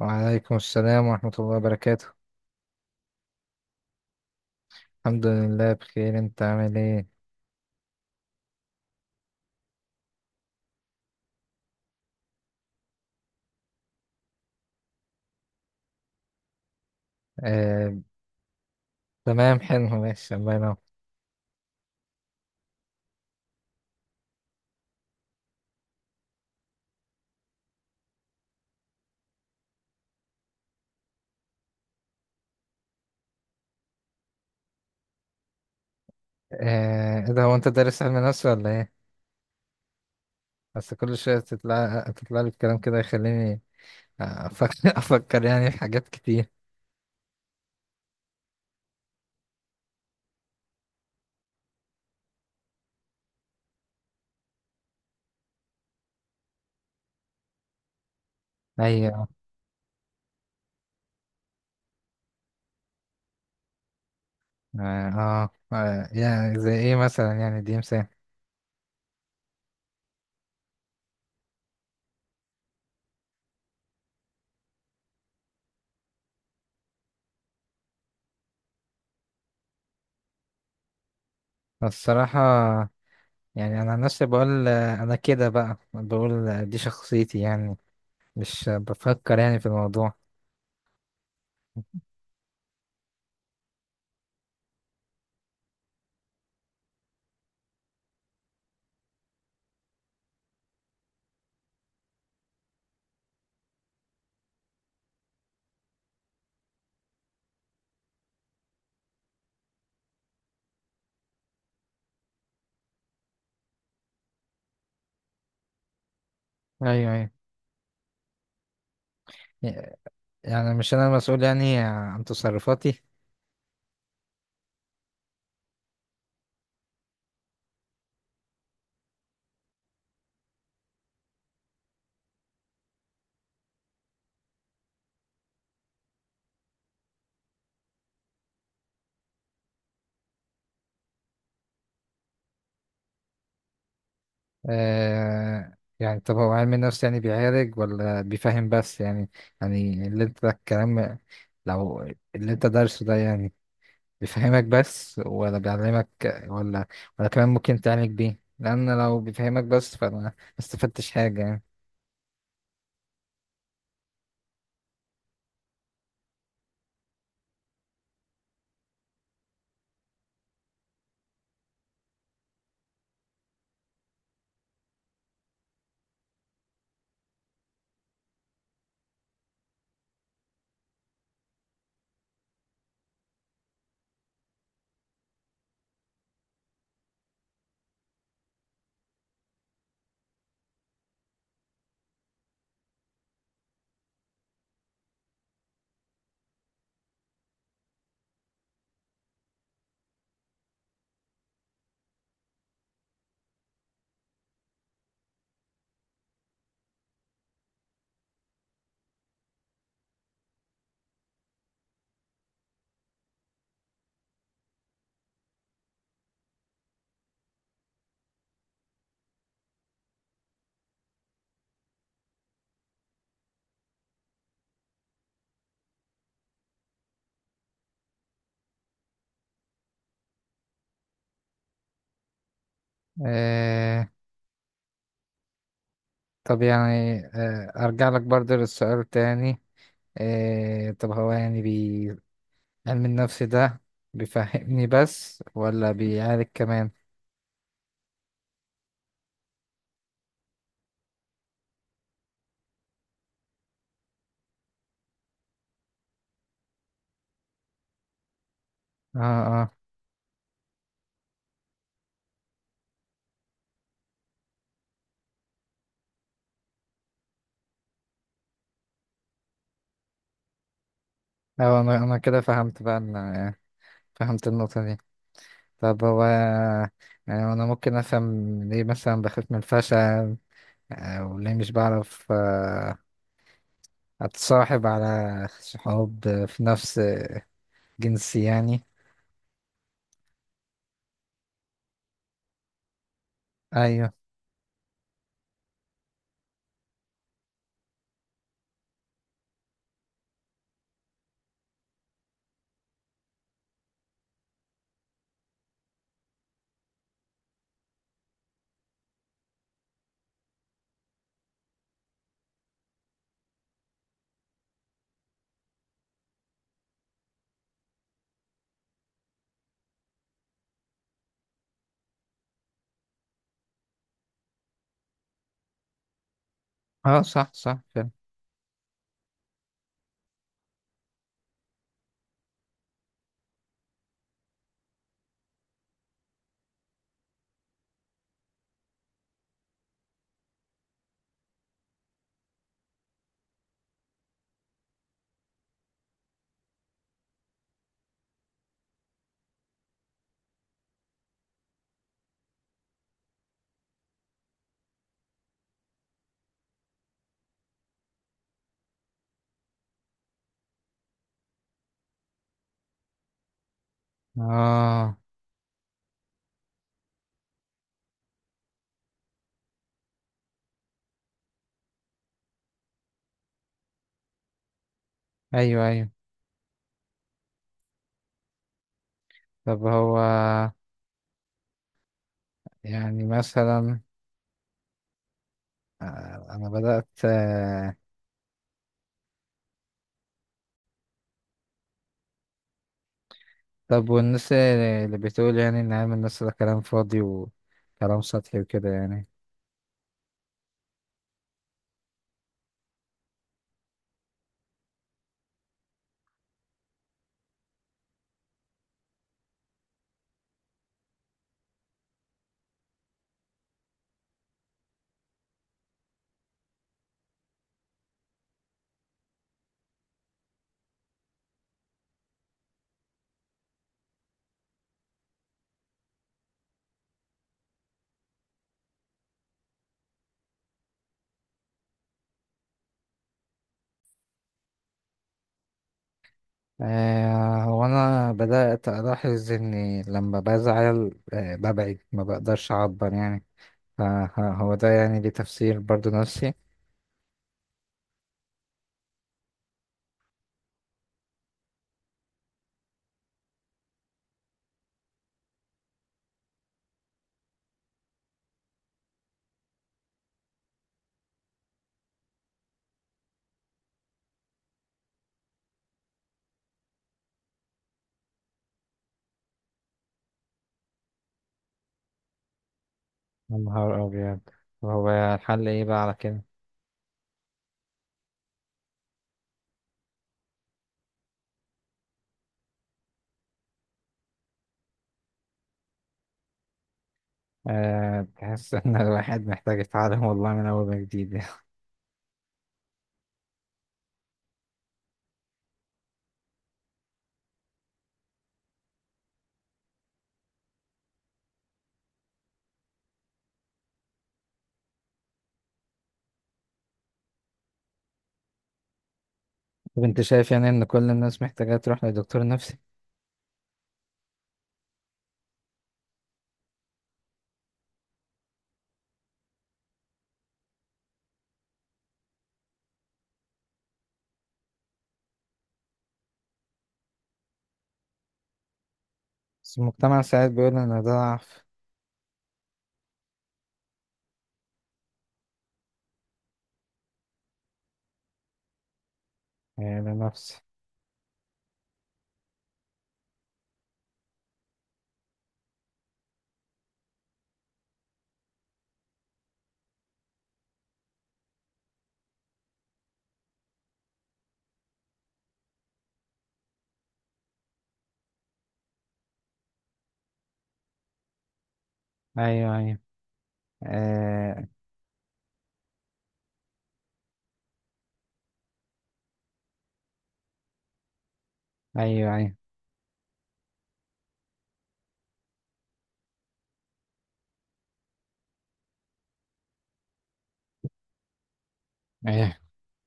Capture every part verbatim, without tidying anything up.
وعليكم السلام ورحمة الله وبركاته. الحمد لله بخير، انت عامل ايه؟ آه، تمام حلو ماشي الله ينور. آه، ايه ده، هو انت دارس علم نفس ولا ايه؟ بس كل شوية تطلع تطلع لي الكلام كده يخليني افكر افكر يعني في حاجات كتير. ايوه. اه, آه. آه، يعني زي ايه مثلا، يعني دي مثال؟ الصراحة، يعني انا عن نفسي بقول، آه، انا كده بقى بقول، آه، دي شخصيتي يعني، مش آه، بفكر يعني في الموضوع. ايوه ايوه. يعني مش انا مسؤول يعني عن تصرفاتي؟ آه يعني طب هو علم النفس يعني بيعالج ولا بيفهم بس يعني؟ يعني اللي انت الكلام، لو اللي انت دارسه ده يعني بيفهمك بس ولا بيعلمك، ولا ولا كمان ممكن تعالج بيه؟ لان لو بيفهمك بس فانا ما استفدتش حاجة يعني. آه طب، يعني آه ارجع لك برضه للسؤال تاني. إيه طب، هو يعني بي... علم النفس ده بيفهمني بس ولا بيعالج كمان؟ اه اه اه. انا انا كده فهمت بقى، ان فهمت النقطة دي. طب هو، يعني انا ممكن افهم ليه مثلا بخاف من الفشل؟ او ليه مش بعرف آه، اتصاحب على صحاب في نفس جنسي يعني؟ ايوه. اه، صح صح فعلا. اه، ايوه ايوه. طب هو يعني مثلا آه، انا بدأت. آه، طب والناس اللي بتقول يعني ان علم الناس ده كلام فاضي وكلام سطحي وكده يعني؟ آه، هو انا بدأت الاحظ اني لما بزعل آه، ببعد، ما بقدرش اعبر يعني. فهو ده يعني ليه تفسير برضو نفسي؟ يا نهار ابيض! وهو الحل ايه بقى على كده؟ أه، تحس ان الواحد محتاج يتعلم والله من اول وجديد. طب انت شايف يعني ان كل الناس محتاجة تروح لدكتور نفسي؟ بس المجتمع ساعات بيقول ان ده ضعف. آه، بنفسي. أيوه أيوه. آه. أيوه أيوه أيوه.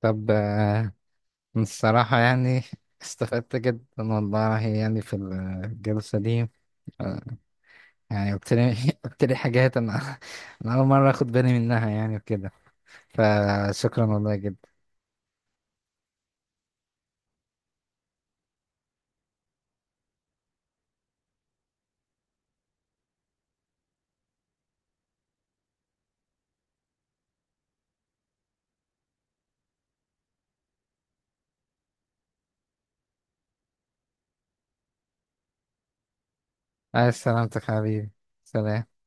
طب آه، الصراحة يعني استفدت جدا والله، يعني في الجلسة دي. آه، يعني قلت لي قلت لي حاجات، أنا أنا أول مرة أخد بالي منها يعني وكده. فشكرا والله جدا. عايز سلامتك حبيبي. سلام.